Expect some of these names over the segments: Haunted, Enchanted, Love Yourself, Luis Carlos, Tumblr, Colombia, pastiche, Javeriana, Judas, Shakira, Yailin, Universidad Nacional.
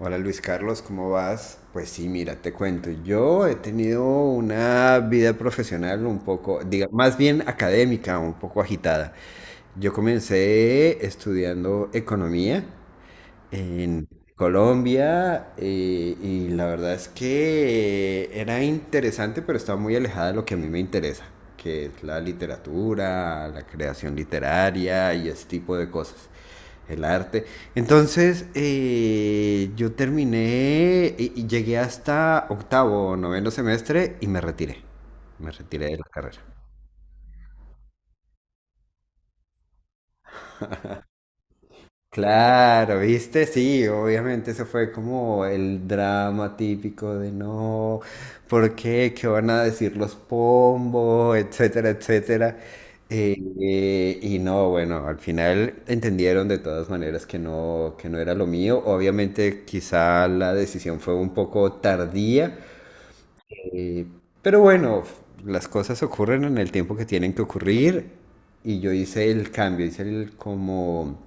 Hola Luis Carlos, ¿cómo vas? Pues sí, mira, te cuento. Yo he tenido una vida profesional un poco, diga, más bien académica, un poco agitada. Yo comencé estudiando economía en Colombia y la verdad es que era interesante, pero estaba muy alejada de lo que a mí me interesa, que es la literatura, la creación literaria y ese tipo de cosas, el arte. Entonces yo terminé y llegué hasta octavo o noveno semestre y me retiré de la carrera. Claro, ¿viste? Sí, obviamente eso fue como el drama típico de no, ¿por qué? ¿Qué van a decir los pombos? Etcétera, etcétera. Y no, bueno, al final entendieron de todas maneras que no era lo mío. Obviamente quizá la decisión fue un poco tardía, eh, pero bueno, las cosas ocurren en el tiempo que tienen que ocurrir y yo hice el cambio, hice el como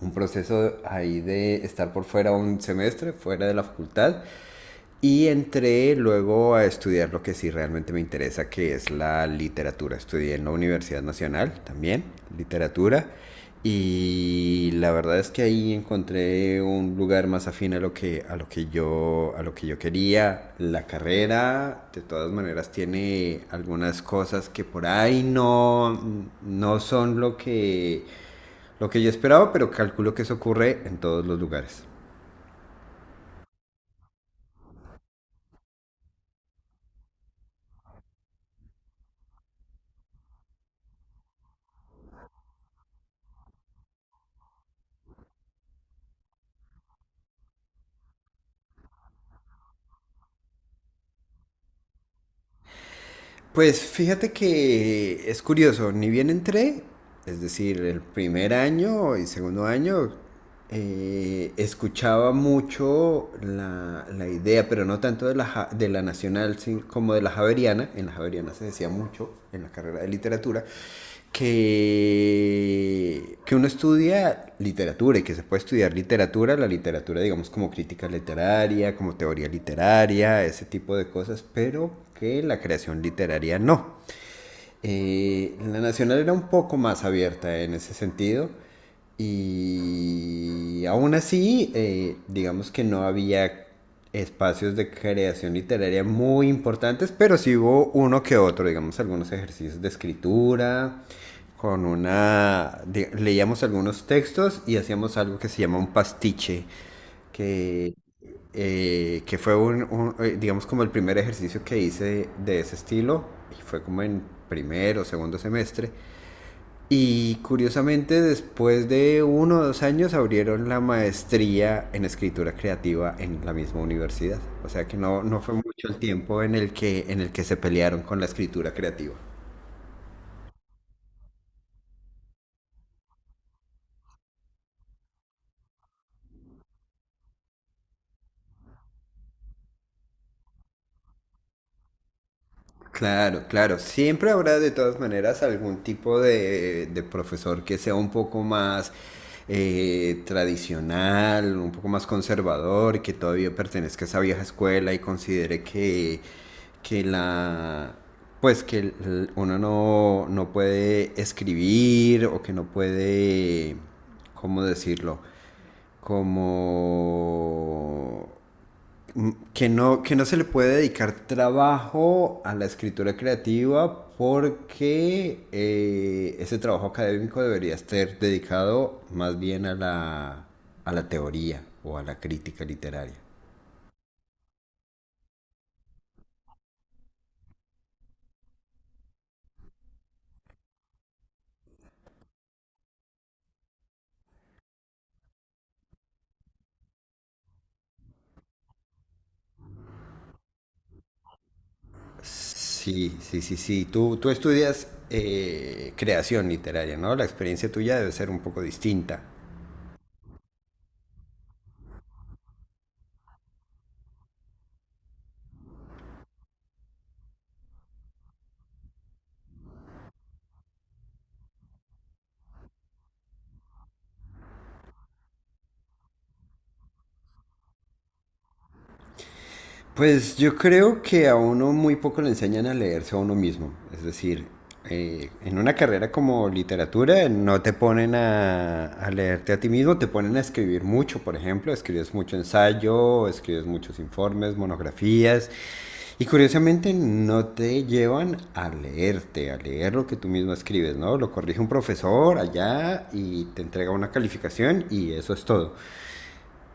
un proceso ahí de estar por fuera un semestre, fuera de la facultad, y entré luego a estudiar lo que sí realmente me interesa, que es la literatura. Estudié en la Universidad Nacional también, literatura, y la verdad es que ahí encontré un lugar más afín a lo que, a lo que yo quería. La carrera, de todas maneras, tiene algunas cosas que por ahí no, no son lo que yo esperaba, pero calculo que eso ocurre en todos los lugares. Pues fíjate que es curioso, ni bien entré, es decir, el primer año y segundo año, escuchaba mucho la idea, pero no tanto de la, de la nacional como de la javeriana. En la javeriana se decía mucho en la carrera de literatura. Que uno estudia literatura y que se puede estudiar literatura, la literatura digamos como crítica literaria, como teoría literaria, ese tipo de cosas, pero que la creación literaria no. La Nacional era un poco más abierta en ese sentido y aún así, digamos que no había espacios de creación literaria muy importantes, pero sí hubo uno que otro, digamos algunos ejercicios de escritura, con una... leíamos algunos textos y hacíamos algo que se llama un pastiche, que que fue un, digamos como el primer ejercicio que hice de ese estilo, y fue como en primero, o segundo semestre, y curiosamente después de uno o dos años abrieron la maestría en escritura creativa en la misma universidad, o sea que no, no fue mucho el tiempo en el que se pelearon con la escritura creativa. Claro, claro. Siempre habrá de todas maneras algún tipo de profesor que sea un poco más tradicional, un poco más conservador, que todavía pertenezca a esa vieja escuela y considere que la pues que uno no, no puede escribir o que no puede, ¿cómo decirlo? Como que no se le puede dedicar trabajo a la escritura creativa porque ese trabajo académico debería estar dedicado más bien a la teoría o a la crítica literaria. Sí, sí, sí, sí. Tú estudias creación literaria, ¿no? La experiencia tuya debe ser un poco distinta. Pues yo creo que a uno muy poco le enseñan a leerse a uno mismo. Es decir, en una carrera como literatura no te ponen a leerte a ti mismo, te ponen a escribir mucho, por ejemplo. Escribes mucho ensayo, escribes muchos informes, monografías. Y curiosamente no te llevan a leerte, a leer lo que tú mismo escribes, ¿no? Lo corrige un profesor allá y te entrega una calificación y eso es todo.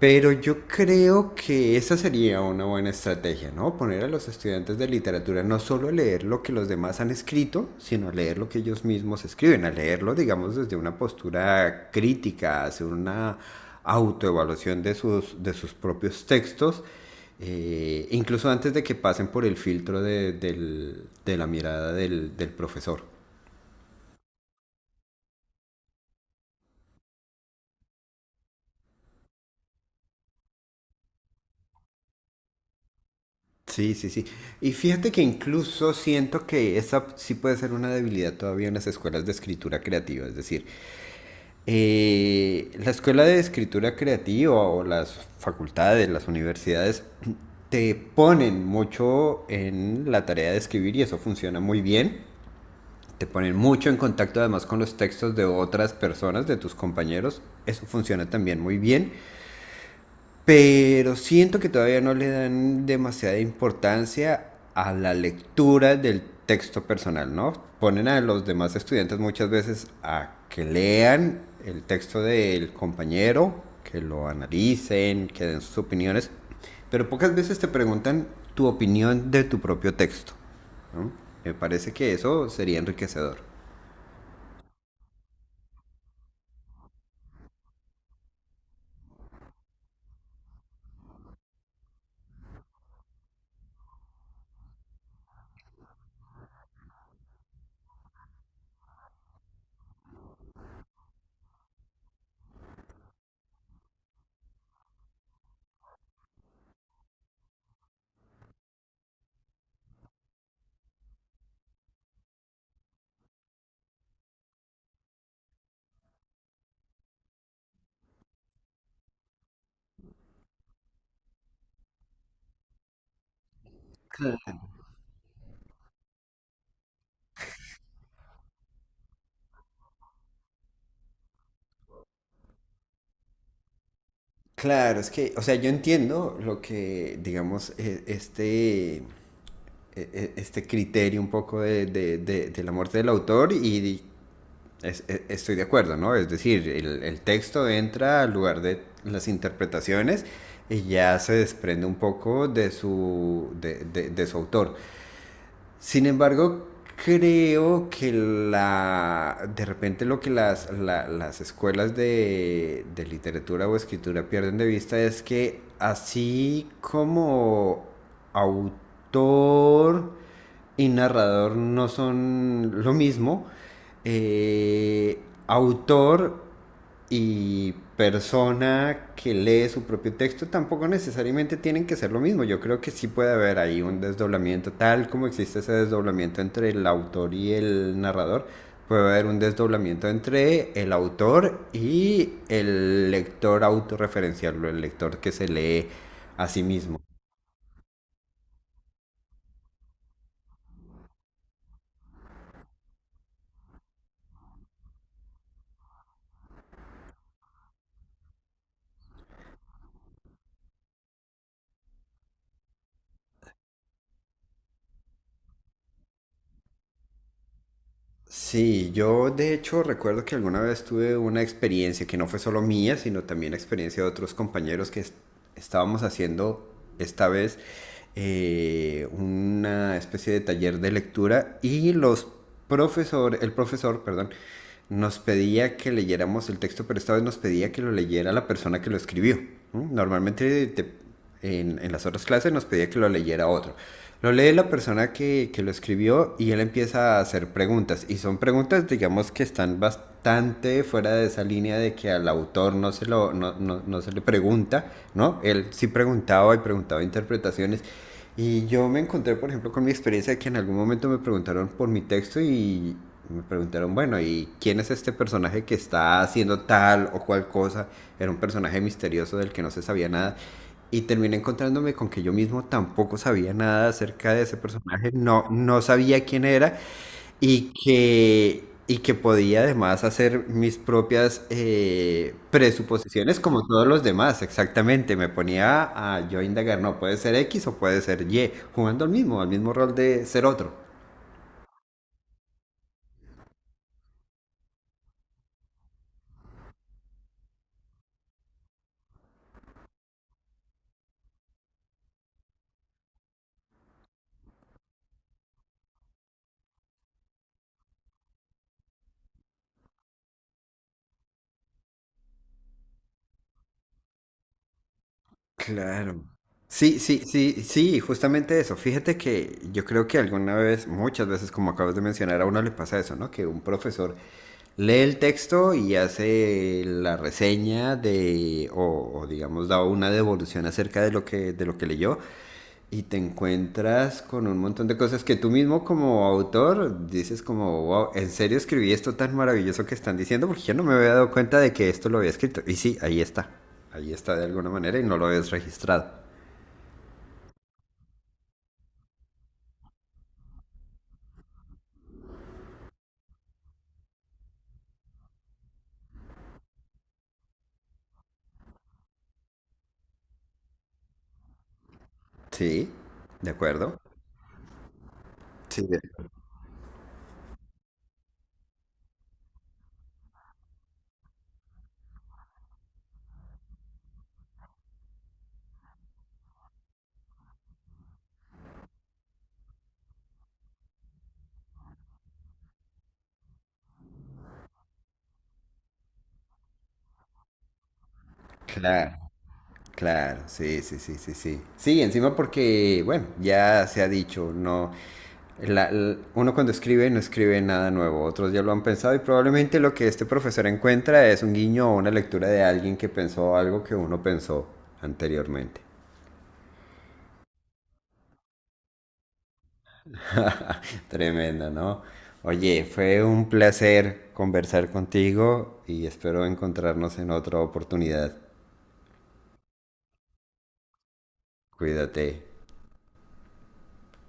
Pero yo creo que esa sería una buena estrategia, ¿no? Poner a los estudiantes de literatura no solo a leer lo que los demás han escrito, sino a leer lo que ellos mismos escriben, a leerlo, digamos, desde una postura crítica, hacer una autoevaluación de sus propios textos, incluso antes de que pasen por el filtro de la mirada del, del profesor. Sí, sí, sí. Y fíjate que incluso siento que esa sí puede ser una debilidad todavía en las escuelas de escritura creativa. Es decir, la escuela de escritura creativa o las facultades, las universidades, te ponen mucho en la tarea de escribir y eso funciona muy bien. Te ponen mucho en contacto además con los textos de otras personas, de tus compañeros. Eso funciona también muy bien, pero siento que todavía no le dan demasiada importancia a la lectura del texto personal, ¿no? Ponen a los demás estudiantes muchas veces a que lean el texto del compañero, que lo analicen, que den sus opiniones, pero pocas veces te preguntan tu opinión de tu propio texto, ¿no? Me parece que eso sería enriquecedor. Claro, es que, o sea, yo entiendo lo que, digamos, este este criterio un poco de la muerte del autor y estoy de acuerdo, ¿no? Es decir, el texto entra al lugar de las interpretaciones y ya se desprende un poco de su, de su autor. Sin embargo, creo que la de repente lo que las, las escuelas de literatura o escritura pierden de vista es que así como autor y narrador no son lo mismo, eh, autor y persona que lee su propio texto tampoco necesariamente tienen que ser lo mismo. Yo creo que sí puede haber ahí un desdoblamiento, tal como existe ese desdoblamiento entre el autor y el narrador, puede haber un desdoblamiento entre el autor y el lector autorreferencial, el lector que se lee a sí mismo. Sí, yo de hecho recuerdo que alguna vez tuve una experiencia que no fue solo mía, sino también experiencia de otros compañeros, estábamos haciendo esta vez una especie de taller de lectura y los profesor, el profesor, perdón, nos pedía que leyéramos el texto, pero esta vez nos pedía que lo leyera la persona que lo escribió. ¿Mm? Normalmente te en las otras clases nos pedía que lo leyera otro. Lo lee la persona que lo escribió y él empieza a hacer preguntas. Y son preguntas, digamos, que están bastante fuera de esa línea de que al autor no se, lo, no se le pregunta, ¿no? Él sí preguntaba y preguntaba interpretaciones. Y yo me encontré, por ejemplo, con mi experiencia de que en algún momento me preguntaron por mi texto y me preguntaron, bueno, ¿y quién es este personaje que está haciendo tal o cual cosa? Era un personaje misterioso del que no se sabía nada. Y terminé encontrándome con que yo mismo tampoco sabía nada acerca de ese personaje, no, no sabía quién era y que podía además hacer mis propias presuposiciones como todos los demás, exactamente. Me ponía a yo indagar, no, puede ser X o puede ser Y, jugando al mismo rol de ser otro. Claro. Sí, sí, sí, sí, justamente eso. Fíjate que yo creo que alguna vez, muchas veces, como acabas de mencionar, a uno le pasa eso, ¿no? Que un profesor lee el texto y hace la reseña de, o digamos, da una devolución acerca de lo que leyó y te encuentras con un montón de cosas que tú mismo como autor dices como, wow, ¿en serio escribí esto tan maravilloso que están diciendo? Porque yo no me había dado cuenta de que esto lo había escrito. Y sí, ahí está. Ahí está de alguna manera y no lo habías registrado. Sí, de acuerdo. Sí, claro. Claro, sí, sí, sí, sí, sí. Sí, encima porque, bueno, ya se ha dicho, no, uno cuando escribe no escribe nada nuevo, otros ya lo han pensado y probablemente lo que este profesor encuentra es un guiño o una lectura de alguien que pensó algo que uno pensó anteriormente. Tremendo, ¿no? Oye, fue un placer conversar contigo y espero encontrarnos en otra oportunidad. Cuídate.